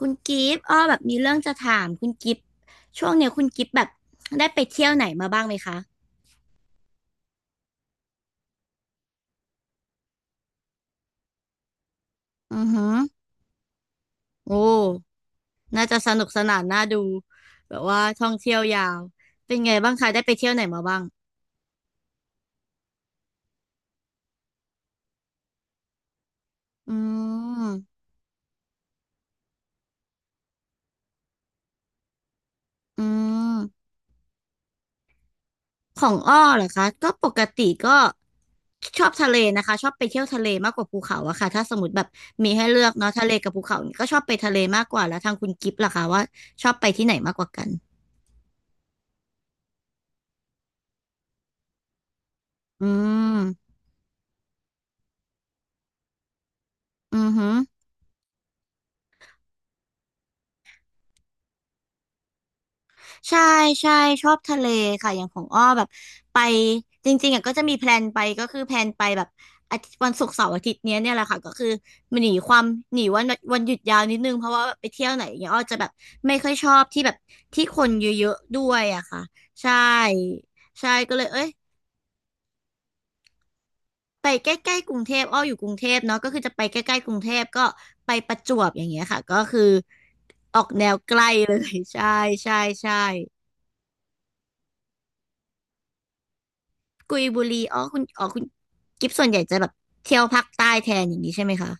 คุณกิฟต์อ้อแบบมีเรื่องจะถามคุณกิฟต์ช่วงเนี้ยคุณกิฟต์แบบได้ไปเที่ยวไหนมาบ้างไหมคะอือหือโอ้น่าจะสนุกสนานน่าดูแบบว่าท่องเที่ยวยาวเป็นไงบ้างคะได้ไปเที่ยวไหนมาบ้างอืมอืมของอ้อเหรอคะก็ปกติก็ชอบทะเลนะคะชอบไปเที่ยวทะเลมากกว่าภูเขาอะค่ะถ้าสมมติแบบมีให้เลือกเนาะทะเลกับภูเขาเนี่ยก็ชอบไปทะเลมากกว่าแล้วทางคุณกิฟต์ล่ะคะว่าชอบไปที่ไหนมากกว่ากันอืมอือหึ ใช่ใช่ชอบทะเลค่ะอย่างของอ้อแบบไปจริงๆอ่ะก็จะมีแพลนไปก็คือแพลนไปแบบอาทิตย์วันศุกร์เสาร์อาทิตย์เนี่ยแหละค่ะก็คือหนีความหนีวันวันหยุดยาวนิดนึงเพราะว่าไปเที่ยวไหนอย่างเงี้ยอ้อจะแบบไม่ค่อยชอบที่แบบที่คนเยอะๆด้วยอะค่ะใช่ก็เลยเอ้ยไปใกล้ๆกรุงเทพอ้ออยู่กรุงเทพเนาะก็คือจะไปใกล้ๆกรุงเทพก็ไปประจวบอย่างเงี้ยค่ะก็คือออกแนวใกล้เลย ใช่ใช่ใช่ กุยบุรีอ๋อคุณกิฟส่วนใหญ่จะแบบเที่ยวภาคใต้แทนอย่างนี้ใช่ไหมคะ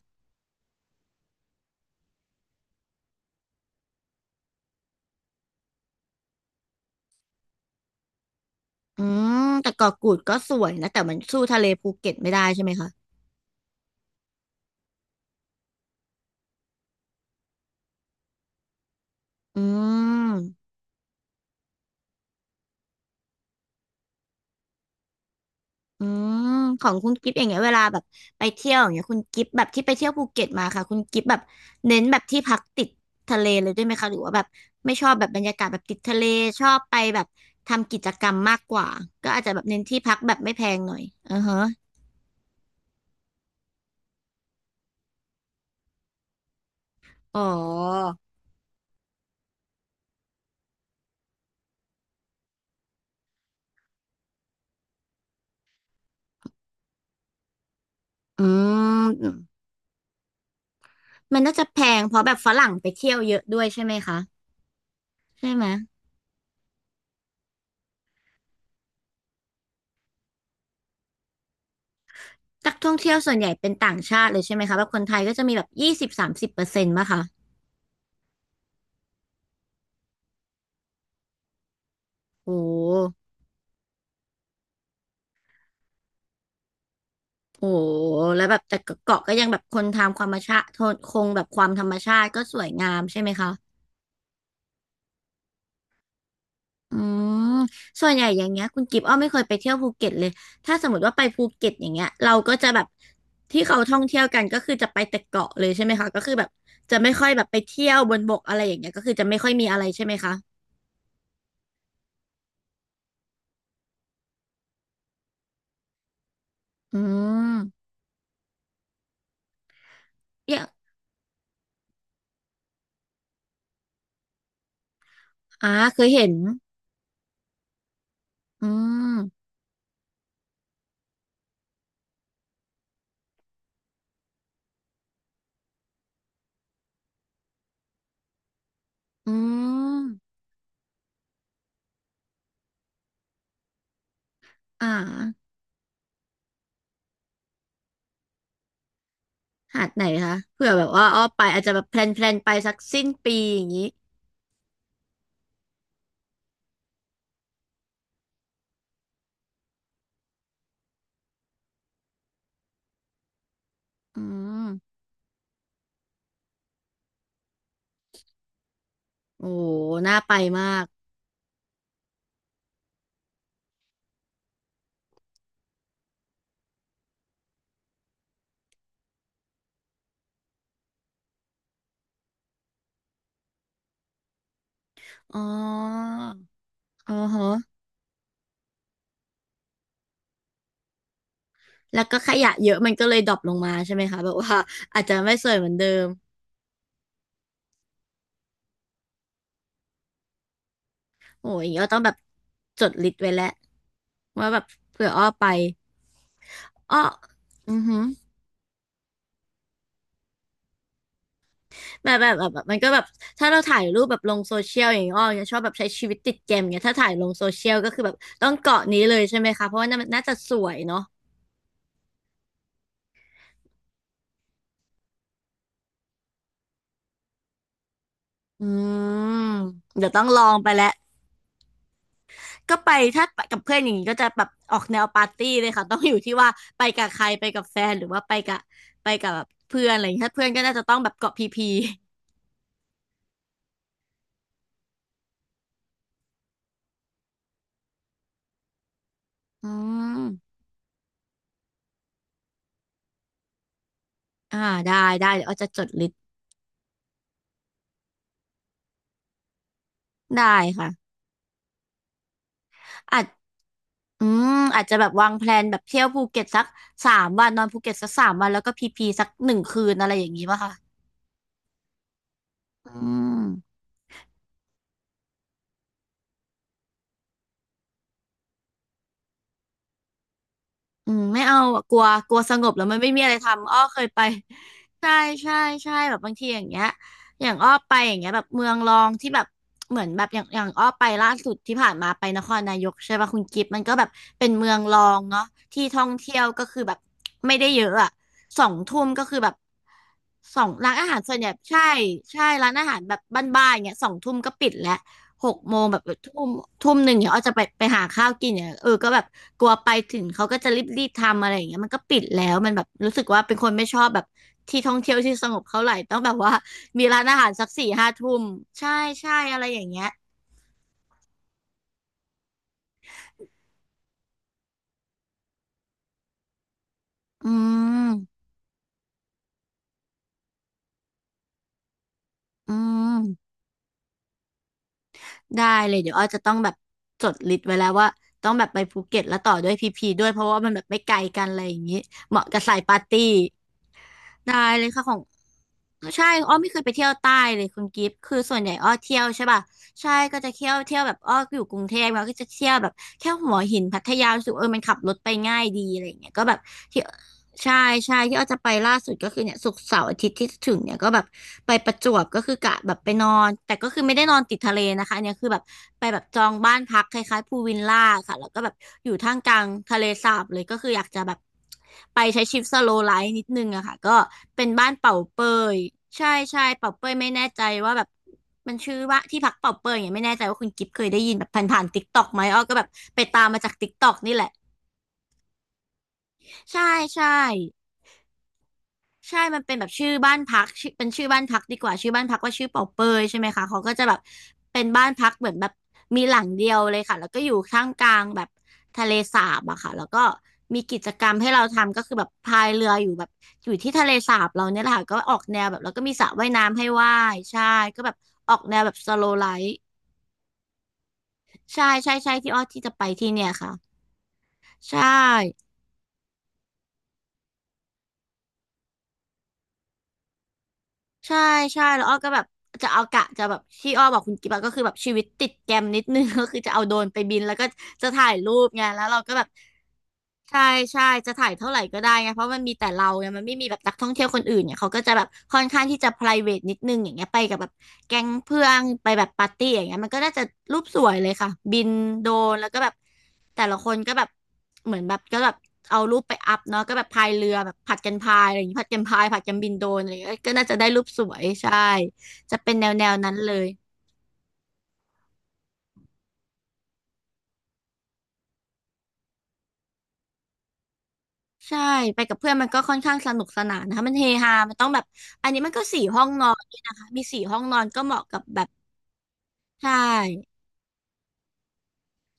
อืมแต่เกาะกูดก็สวยนะแต่มันสู้ทะเลภูเก็ตไม่ได้ใช่ไหมคะอืมอืมของคุณกิฟอย่างเงี้ยเวลาแบบไปเที่ยวอย่างเงี้ยคุณกิฟแบบที่ไปเที่ยวภูเก็ตมาค่ะคุณกิฟแบบเน้นแบบที่พักติดทะเลเลยด้วยไหมคะหรือว่าแบบไม่ชอบแบบบรรยากาศแบบติดทะเลชอบไปแบบทำกิจกรรมมากกว่าก็อาจจะแบบเน้นที่พักแบบไม่แพงหน่อยอือฮะอ๋ออืม มันน่าจะแพงเพราะแบบฝรั่งไปเที่ยวเยอะด้วยใช่ไหมคะใช่ไหมนักท่องเที่ยวส่วนใหญ่เป็นต่างชาติเลยใช่ไหมคะแบบคนไทยก็จะมีแบบ20-30%ป่ะคะโอ้โหแล้วแบบแต่เกาะก็ยังแบบคนทำความธรรมชาติคงแบบความธรรมชาติก็สวยงามใช่ไหมคะอืมส่วนใหญ่อย่างเงี้ยคุณกิฟต์อ้อไม่เคยไปเที่ยวภูเก็ตเลยถ้าสมมติว่าไปภูเก็ตอย่างเงี้ยเราก็จะแบบที่เขาท่องเที่ยวกันก็คือจะไปแต่เกาะเลยใช่ไหมคะก็คือแบบจะไม่ค่อยแบบไปเที่ยวบนบกอะไรอย่างเงี้ยก็คือจะไม่ค่อยมีอะไรใช่ไหมคะ อืมอย่างอ่าเคยเห็นอืมอืมอ่าหาดไหนคะเผื่อแบบว่าอ้อไปอาจจะแบบแพลนไปสักสิ้นปีอย่างนี้อืมโอ้น่าไปมากอ๋ออ๋อฮะแล้วก็ขยะเยอะมันก็เลยดรอปลงมาใช่ไหมคะแบบว่าอาจจะไม่สวยเหมือนเดิมโอ้ยอย่างนี้อ้อต้องแบบจดลิสต์ไว้แล้วว่าแบบเผื่ออ้อไปอ้ออือห แบบมันก็แบบถ้าเราถ่ายรูปแบบลงโซเชียลอย่างเงี้ยอ้อจะชอบแบบใช้ชีวิตติดเกมอย่างเงี้ยถ้าถ่ายลงโซเชียลก็คือแบบต้องเกาะนี้เลยใช่ไหมคะเพราะว่าน่าจะสวยเนาะอืมเดี๋ยวต้องลองไปแล้วก็ไปถ้าไปกับเพื่อนอย่างงี้ก็จะแบบออกแนวปาร์ตี้เลยค่ะต้องอยู่ที่ว่าไปกับใครไปกับแฟนหรือว่าไปกับไปกับแบบเพื่อนอะไรอย่างเงี้ยถ้าเพื่อนก็น่าจะต้องแบบเกาะพีพีอืมอ่าได้ได้เดี๋ยวอ้อจะจดลิสต์ได้ค่ะอาจ อืมอาจจะแบบวางแพลนแบบเที่ยวภูเก็ตสักสามวันนอนภูเก็ตสักสามวันแล้วก็พีพีสัก1 คืนอะไรอย่างนี้ป่ะคะอืม อืมไม่เอาอะกลัวกลัวสงบแล้วมันไม่มีอะไรทำอ้อเคยไป ใช่ใช่ใช่แบบบางทีอย่างเงี้ยอย่างอ้อไปอย่างเงี้ยแบบเมืองรองที่แบบเหมือนแบบอย่างอ้อไปล่าสุดที่ผ่านมาไปนครนายกใช่ป่ะคุณกิฟต์มันก็แบบเป็นเมืองรองเนาะที่ท่องเที่ยวก็คือแบบไม่ได้เยอะอะสองทุ่มก็คือแบบสองร้านอาหารส่วนใหญ่ใช่ใช่ร้านอาหารแบบบ้านๆอย่างเงี้ยสองทุ่มก็ปิดแล้ว หกโมงแบบทุ่มทุ่มหนึ่งเนี่ยอ้อจะไปหาข้าวกินเนี่ยเออก็แบบกลัวไปถึงเขาก็จะรีบทำอะไรอย่างเงี้ยมันก็ปิดแล้วมันแบบรู้สึกว่าเป็นคนไม่ชอบแบบที่ท่องเที่ยวที่สงบเท่าไหร่ต้องแบบว่ามีร้านอาหารสักสี่ห้าทุ่มใช่ใช่อะไรอย่างเงี้ยอืมอืมได้เลยเดี๋ยวอ้อจะต้องแบบจดลิสต์ไว้แล้วว่าต้องแบบไปภูเก็ตแล้วต่อด้วยพีพีด้วยเพราะว่ามันแบบไม่ไกลกันอะไรอย่างงี้เหมาะกับสายปาร์ตี้ ได้เลยค่ะของใช่อ้อไม่เคยไปเที่ยวใต้เลยคุณกิฟต์คือส่วนใหญ่อ้อเที่ยวใช่ป่ะใช่ก็จะเที่ยวแบบอ้ออยู่กรุงเทพแล้วก็จะเที่ยวแบบแค่หัวหินพัทยารู้สึกเออมันขับรถไปง่ายดีอะไรอย่างเงี้ยก็แบบเที่ยว ใช่ใช่ที่อ้อจะไปล่าสุดก็คือเนี่ยศุกร์เสาร์อาทิตย์ที่จะถึงเนี่ยก็แบบไปประจวบก็คือกะแบบไปนอนแต่ก็คือไม่ได้นอนติดทะเลนะคะอันเนี่ยคือแบบไปแบบจองบ้านพักคล้ายๆพูลวิลล่าค่ะแล้วก็แบบอยู่ท่ามกลางทะเลสาบเลยก็คืออยากจะแบบไปใช้ชีวิตสโลว์ไลฟ์นิดนึงอะค่ะก็เป็นบ้านเป่าเปยใช่ใช่เป่าเปยไม่แน่ใจว่าแบบมันชื่อว่าที่พักเป่าเปยอย่างเงี้ยไม่แน่ใจว่าคุณกิฟเคยได้ยินแบบผ่านๆติ k กต็อกไหมอ้อก็แบบไปตามมาจากติ๊กต็อกนี่แหละใช่ใช่ ใช่มันเป็นแบบชื่อบ้านพักชื่อเป็นชื่อบ้านพักดีกว่าชื่อบ้านพักว่าชื่อเป่าเปยใช่ไหมคะเขาก็จะแบบเป็นบ้านพักเหมือนแบบมีหลังเดียวเลยค่ะแล้วก็อยู่ท่ามกลางแบบทะเลสาบอะค่ะแล้วก็มีกิจกรรมให้เราทำก็คือแบบพายเรืออยู่แบบอยู่ที่ทะเลสาบเราเนี่ยแหละค่ะก็ออกแนวแบบแล้วก็มีสระว่ายน้ำให้ว่ายใช่ก็แบบออกแนวแบบสโลไลฟ์ใช่ใช่ใช่ที่อ้อที่จะไปที่เนี่ยค่ะใช่ ใช่ใช่แล้วอ้อก็แบบจะเอากะจะแบบที่อ้อบอกคุณกิ๊บอะก็คือแบบชีวิตติดแกรมนิดนึง ก็คือจะเอาโดรนไปบินแล้วก็จะถ่ายรูปไงแล้วเราก็แบบใช่ใช่จะถ่ายเท่าไหร่ก็ได้ไงเพราะมันมีแต่เราไงมันไม่มีแบบนักท่องเที่ยวคนอื่นเนี่ยเขาก็จะแบบค่อนข้างที่จะ private นิดนึงอย่างเงี้ยไปกับแบบแก๊งเพื่อนไปแบบปาร์ตี้อย่างเงี้ยมันก็น่าจะรูปสวยเลยค่ะบินโดรนแล้วก็แบบแต่ละคนก็แบบ เหมือนแบบก็แบบเอารูปไปอัพเนาะก็แบบพายเรือแบบผัดกันพายอะไรอย่างงี้ผัดกันพายผัดกันบินโดรนอะไรอย่างเงี้ยก็น่าจะได้รูปสวยใช่จะเป็นแนวนั้นเลยใช่ไปกับเพื่อนมันก็ค่อนข้างสนุกสนานนะคะมันเฮฮามันต้องแบบอันนี้มันก็สี่ห้องนอนด้วยนะคะมีสี่ห้องนอนก็เหมาะกับแบบใช่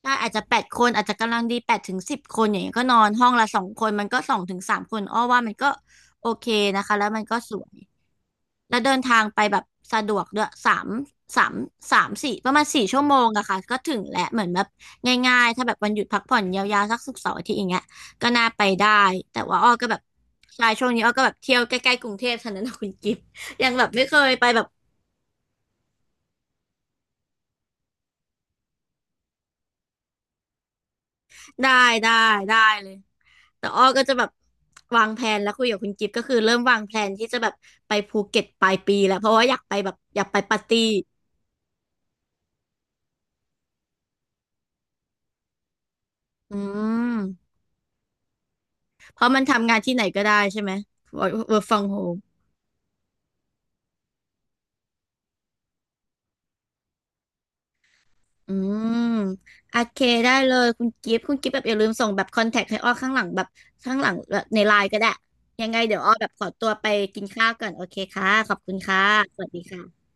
ใช่อาจจะแปดคนอาจจะกำลังดีแปดถึงสิบคนอย่างเงี้ยก็นอนห้องละสองคนมันก็สองถึงสามคนอ้อว่ามันก็โอเคนะคะแล้วมันก็สวย แล้วเดินทางไปแบบสะดวกด้วยสามสามสี่ประมาณสี่ชั่วโมงอะค่ะก็ถึงแหละเหมือนแบบง่ายๆถ้าแบบวันหยุดพักผ่อนยาวๆสักศุกร์เสาร์อาทิตย์อย่างเงี้ยก็น่าไปได้แต่ว่าอ้อก็แบบใช่ช่วงนี้อ้อก็แบบเที่ยวใกล้ๆกรุงเทพเท่านั้นนะคุณกิฟต์ ยังแบบไม่เคยไปแบบได้ได้ได้เลยแต่อ้อก็จะแบบวางแผนแล้วคุยกับคุณกิฟต์ก็คือเริ่มวางแผนที่จะแบบไปภูเก็ตปลายปีแล้วเพราะว่าอยากไปแบบอยากไปปาร์ตี้อืม เพราะมันทำงานที่ไหนก็ได้ใช่ไหม work from home อืมโอเคได้เลยคุณกิฟต์คุณกิฟต์แบบอย่าลืมส่งแบบคอนแทคให้อ้อข้างหลังแบบข้างหลังแบบในไลน์ก็ได้ ยังไงเดี๋ยวอ้อแบบขอตัวไปกินข้าวก่อนโอเคค่ะขอบคุณค่ะ สวัสดีค่ะ